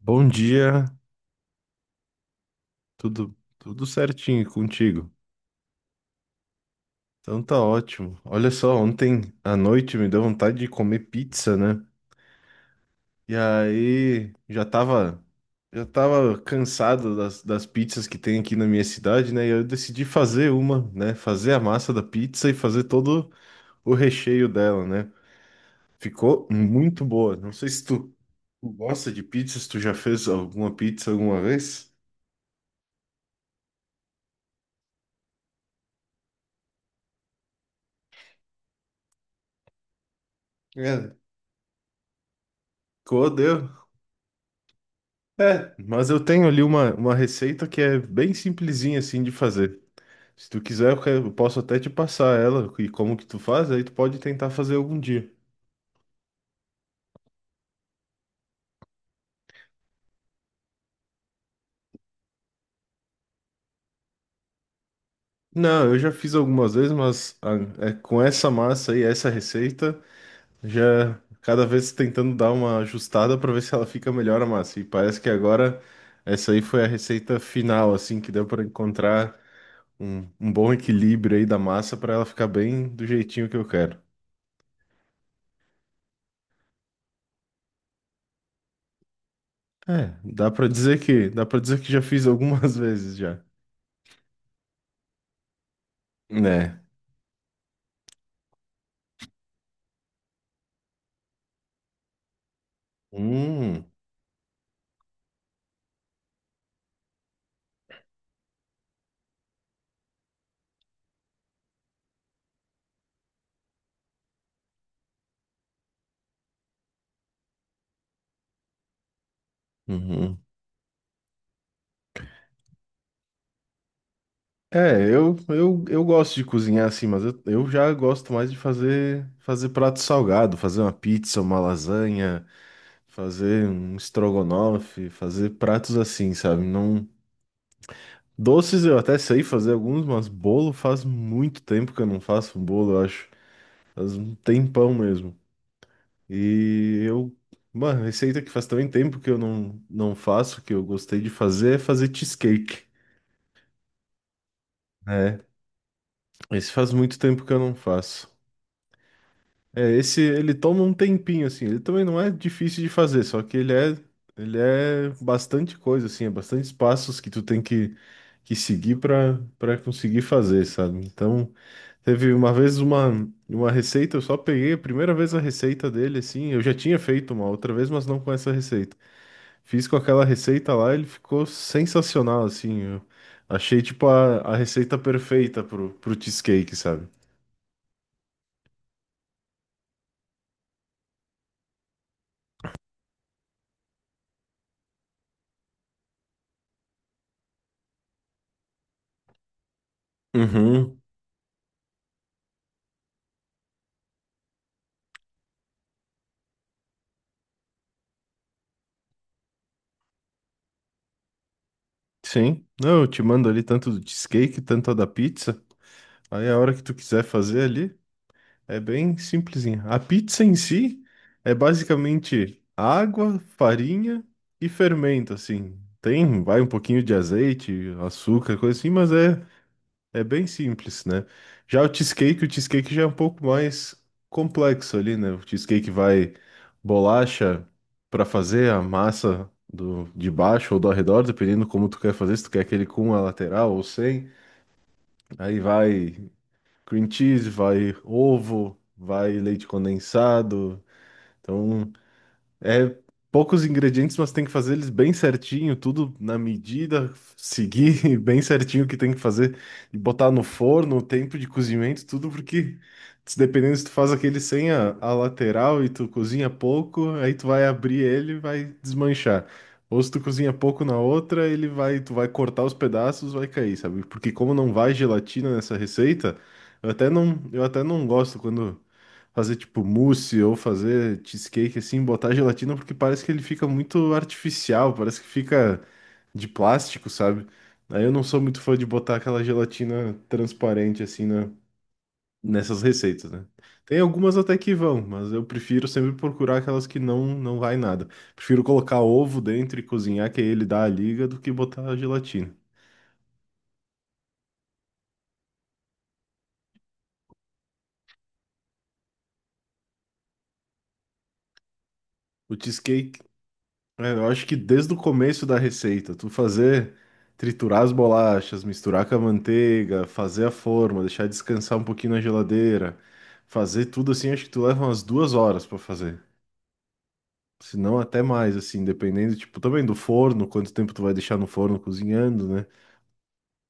Bom dia, tudo certinho contigo. Então tá ótimo. Olha só, ontem à noite me deu vontade de comer pizza, né? E aí já tava cansado das pizzas que tem aqui na minha cidade, né? E eu decidi fazer uma, né? Fazer a massa da pizza e fazer todo o recheio dela, né? Ficou muito boa. Não sei se tu gosta de pizzas, tu já fez alguma pizza alguma vez? É. Ficou, deu. É, mas eu tenho ali uma receita que é bem simplesinha assim de fazer. Se tu quiser, eu posso até te passar ela e como que tu faz, aí tu pode tentar fazer algum dia. Não, eu já fiz algumas vezes, mas é, com essa massa aí, essa receita, já cada vez tentando dar uma ajustada para ver se ela fica melhor a massa. E parece que agora essa aí foi a receita final, assim, que deu para encontrar um bom equilíbrio aí da massa para ela ficar bem do jeitinho que eu quero. É, dá para dizer que já fiz algumas vezes já. Né? Hum, uhum. É, eu gosto de cozinhar assim, mas eu já gosto mais de fazer prato salgado, fazer uma pizza, uma lasanha, fazer um estrogonofe, fazer pratos assim, sabe? Não, doces eu até sei fazer alguns, mas bolo faz muito tempo que eu não faço um bolo, eu acho. Faz um tempão mesmo. E eu, uma receita que faz também tempo que eu não faço, que eu gostei de fazer, é fazer cheesecake, né? Esse faz muito tempo que eu não faço. É, esse ele toma um tempinho assim, ele também não é difícil de fazer, só que ele é bastante coisa assim, é bastante passos que tu tem que seguir para conseguir fazer, sabe? Então, teve uma vez uma receita, eu só peguei a primeira vez a receita dele assim, eu já tinha feito uma outra vez, mas não com essa receita. Fiz com aquela receita lá, ele ficou sensacional, assim. Eu achei, tipo, a receita perfeita pro cheesecake, sabe? Uhum. Sim. Não, eu te mando ali tanto do cheesecake, tanto a da pizza. Aí a hora que tu quiser fazer ali, é bem simplesinha. A pizza em si é basicamente água, farinha e fermento, assim. Tem, vai um pouquinho de azeite, açúcar, coisa assim, mas é bem simples, né? Já o cheesecake já é um pouco mais complexo ali, né? O cheesecake vai bolacha para fazer a massa do de baixo ou do arredor, dependendo como tu quer fazer, se tu quer aquele com a lateral ou sem. Aí vai cream cheese, vai ovo, vai leite condensado. Então é poucos ingredientes, mas tem que fazer eles bem certinho, tudo na medida, seguir bem certinho o que tem que fazer e botar no forno, o tempo de cozimento, tudo porque se dependendo se tu faz aquele sem a lateral e tu cozinha pouco, aí tu vai abrir ele e vai desmanchar. Ou se tu cozinha pouco na outra, ele vai, tu vai cortar os pedaços, vai cair, sabe? Porque como não vai gelatina nessa receita, eu até não gosto quando fazer tipo mousse ou fazer cheesecake assim, botar gelatina, porque parece que ele fica muito artificial, parece que fica de plástico, sabe? Aí eu não sou muito fã de botar aquela gelatina transparente assim nessas receitas, né? Tem algumas até que vão, mas eu prefiro sempre procurar aquelas que não vai nada. Prefiro colocar ovo dentro e cozinhar, que aí ele dá a liga, do que botar a gelatina. O cheesecake. É, eu acho que desde o começo da receita, tu fazer, triturar as bolachas, misturar com a manteiga, fazer a forma, deixar descansar um pouquinho na geladeira, fazer tudo assim, acho que tu leva umas 2 horas pra fazer. Se não, até mais, assim, dependendo, tipo, também do forno, quanto tempo tu vai deixar no forno cozinhando, né?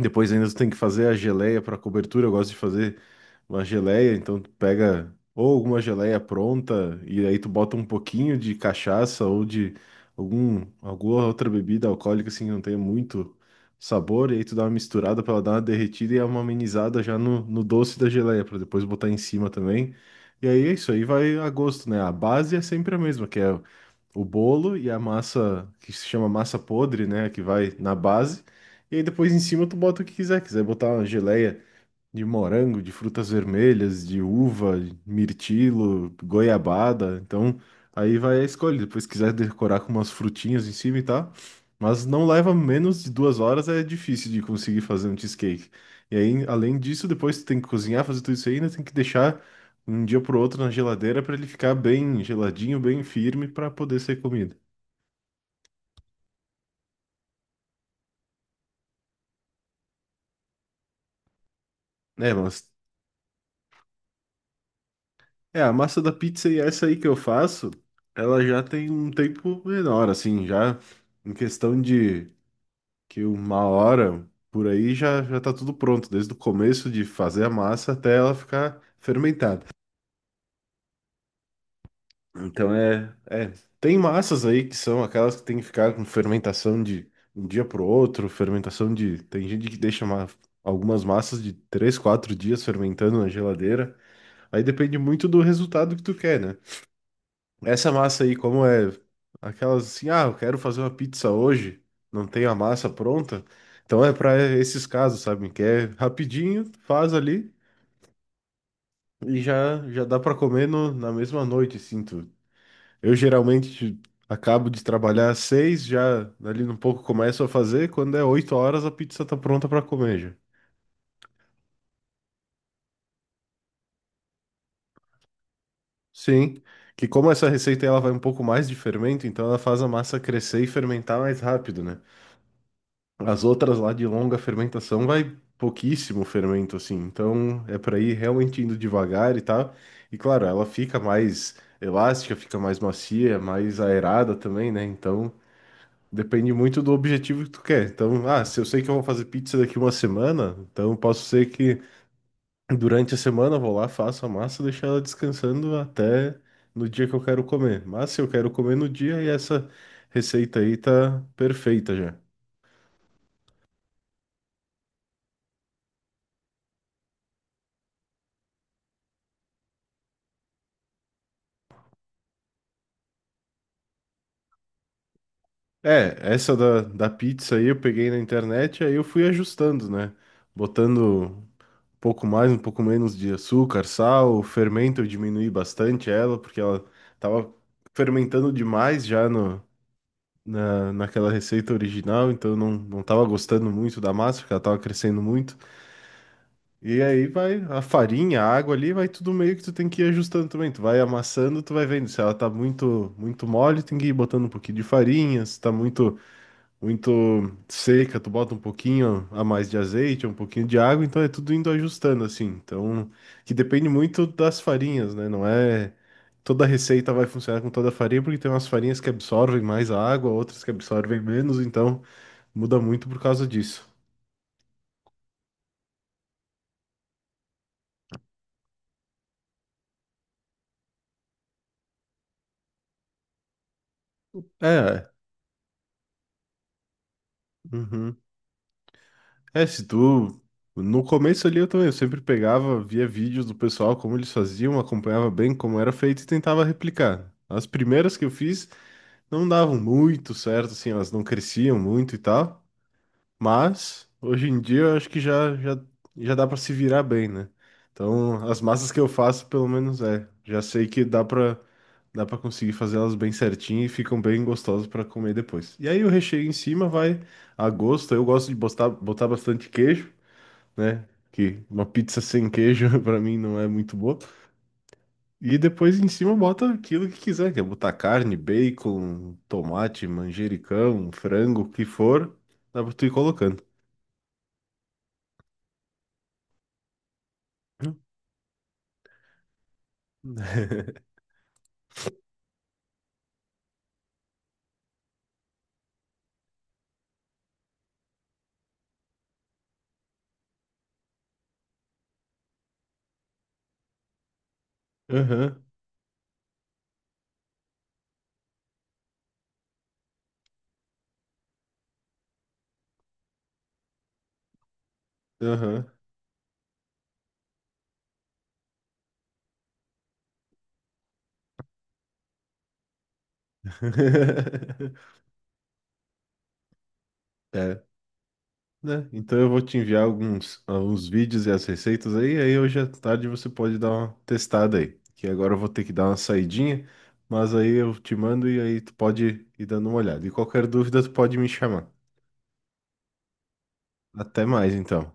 Depois ainda tu tem que fazer a geleia para cobertura. Eu gosto de fazer uma geleia, então tu pega ou alguma geleia pronta e aí tu bota um pouquinho de cachaça ou de alguma outra bebida alcoólica assim que não tenha muito sabor, e aí tu dá uma misturada para ela dar uma derretida e é uma amenizada já no doce da geleia para depois botar em cima também. E aí é isso aí vai a gosto, né? A base é sempre a mesma, que é o bolo e a massa que se chama massa podre, né? Que vai na base. E aí depois em cima tu bota o que quiser. Quiser botar uma geleia de morango, de frutas vermelhas, de uva, mirtilo, goiabada. Então, aí vai a escolha. Depois, se quiser decorar com umas frutinhas em cima e tal. Mas não leva menos de 2 horas, é difícil de conseguir fazer um cheesecake. E aí, além disso, depois tu tem que cozinhar, fazer tudo isso aí, ainda tem que deixar um dia pro outro na geladeira para ele ficar bem geladinho, bem firme para poder ser comido. É, mas É, a massa da pizza e essa aí que eu faço, ela já tem um tempo menor, assim, já em questão de que 1 hora por aí já, já tá tudo pronto, desde o começo de fazer a massa até ela ficar fermentada. Então tem massas aí que são aquelas que tem que ficar com fermentação de um dia pro outro, fermentação de, tem gente que deixa algumas massas de 3, 4 dias fermentando na geladeira. Aí depende muito do resultado que tu quer, né? Essa massa aí, como é aquelas assim, ah, eu quero fazer uma pizza hoje, não tenho a massa pronta. Então é para esses casos, sabe? Que é rapidinho, faz ali e já já dá para comer na mesma noite, sinto. Eu geralmente acabo de trabalhar às 6h, já ali um pouco começo a fazer, quando é 8 horas a pizza tá pronta para comer já. Sim, que como essa receita ela vai um pouco mais de fermento, então ela faz a massa crescer e fermentar mais rápido, né? As outras lá de longa fermentação vai pouquíssimo fermento, assim. Então é para ir realmente indo devagar e tal. E claro, ela fica mais elástica, fica mais macia, mais aerada também, né? Então depende muito do objetivo que tu quer. Então, ah, se eu sei que eu vou fazer pizza daqui uma semana, então posso ser que durante a semana eu vou lá, faço a massa, deixo ela descansando até no dia que eu quero comer. Mas se eu quero comer no dia, e essa receita aí tá perfeita já. É, essa da pizza aí eu peguei na internet, aí eu fui ajustando, né? Botando um pouco mais, um pouco menos de açúcar, sal, o fermento eu diminuí bastante ela, porque ela tava fermentando demais já no, na, naquela receita original, então eu não tava gostando muito da massa, porque ela tava crescendo muito. E aí vai a farinha, a água ali, vai tudo meio que tu tem que ir ajustando também. Tu vai amassando, tu vai vendo se ela tá muito mole, tem que ir botando um pouquinho de farinha, se tá muito seca, tu bota um pouquinho a mais de azeite, um pouquinho de água, então é tudo indo ajustando assim. Então, que depende muito das farinhas, né? Não é toda receita vai funcionar com toda a farinha, porque tem umas farinhas que absorvem mais a água, outras que absorvem menos, então muda muito por causa disso. É, uhum. É, se tu No começo ali eu também, eu sempre pegava, via vídeos do pessoal, como eles faziam, acompanhava bem como era feito e tentava replicar. As primeiras que eu fiz, não davam muito certo, assim, elas não cresciam muito e tal, mas hoje em dia eu acho que já dá para se virar bem, né? Então, as massas que eu faço, pelo menos é, já sei que dá para conseguir fazer elas bem certinho e ficam bem gostosas para comer depois. E aí o recheio em cima vai a gosto. Eu gosto de botar bastante queijo, né? Que uma pizza sem queijo para mim não é muito boa. E depois em cima bota aquilo que quiser, quer botar carne, bacon, tomate, manjericão, frango, o que for, dá pra tu ir colocando. Aham, aham. É, né? Então eu vou te enviar alguns vídeos e as receitas aí, aí hoje à tarde você pode dar uma testada aí. Que agora eu vou ter que dar uma saidinha, mas aí eu te mando e aí tu pode ir dando uma olhada. E qualquer dúvida tu pode me chamar. Até mais então.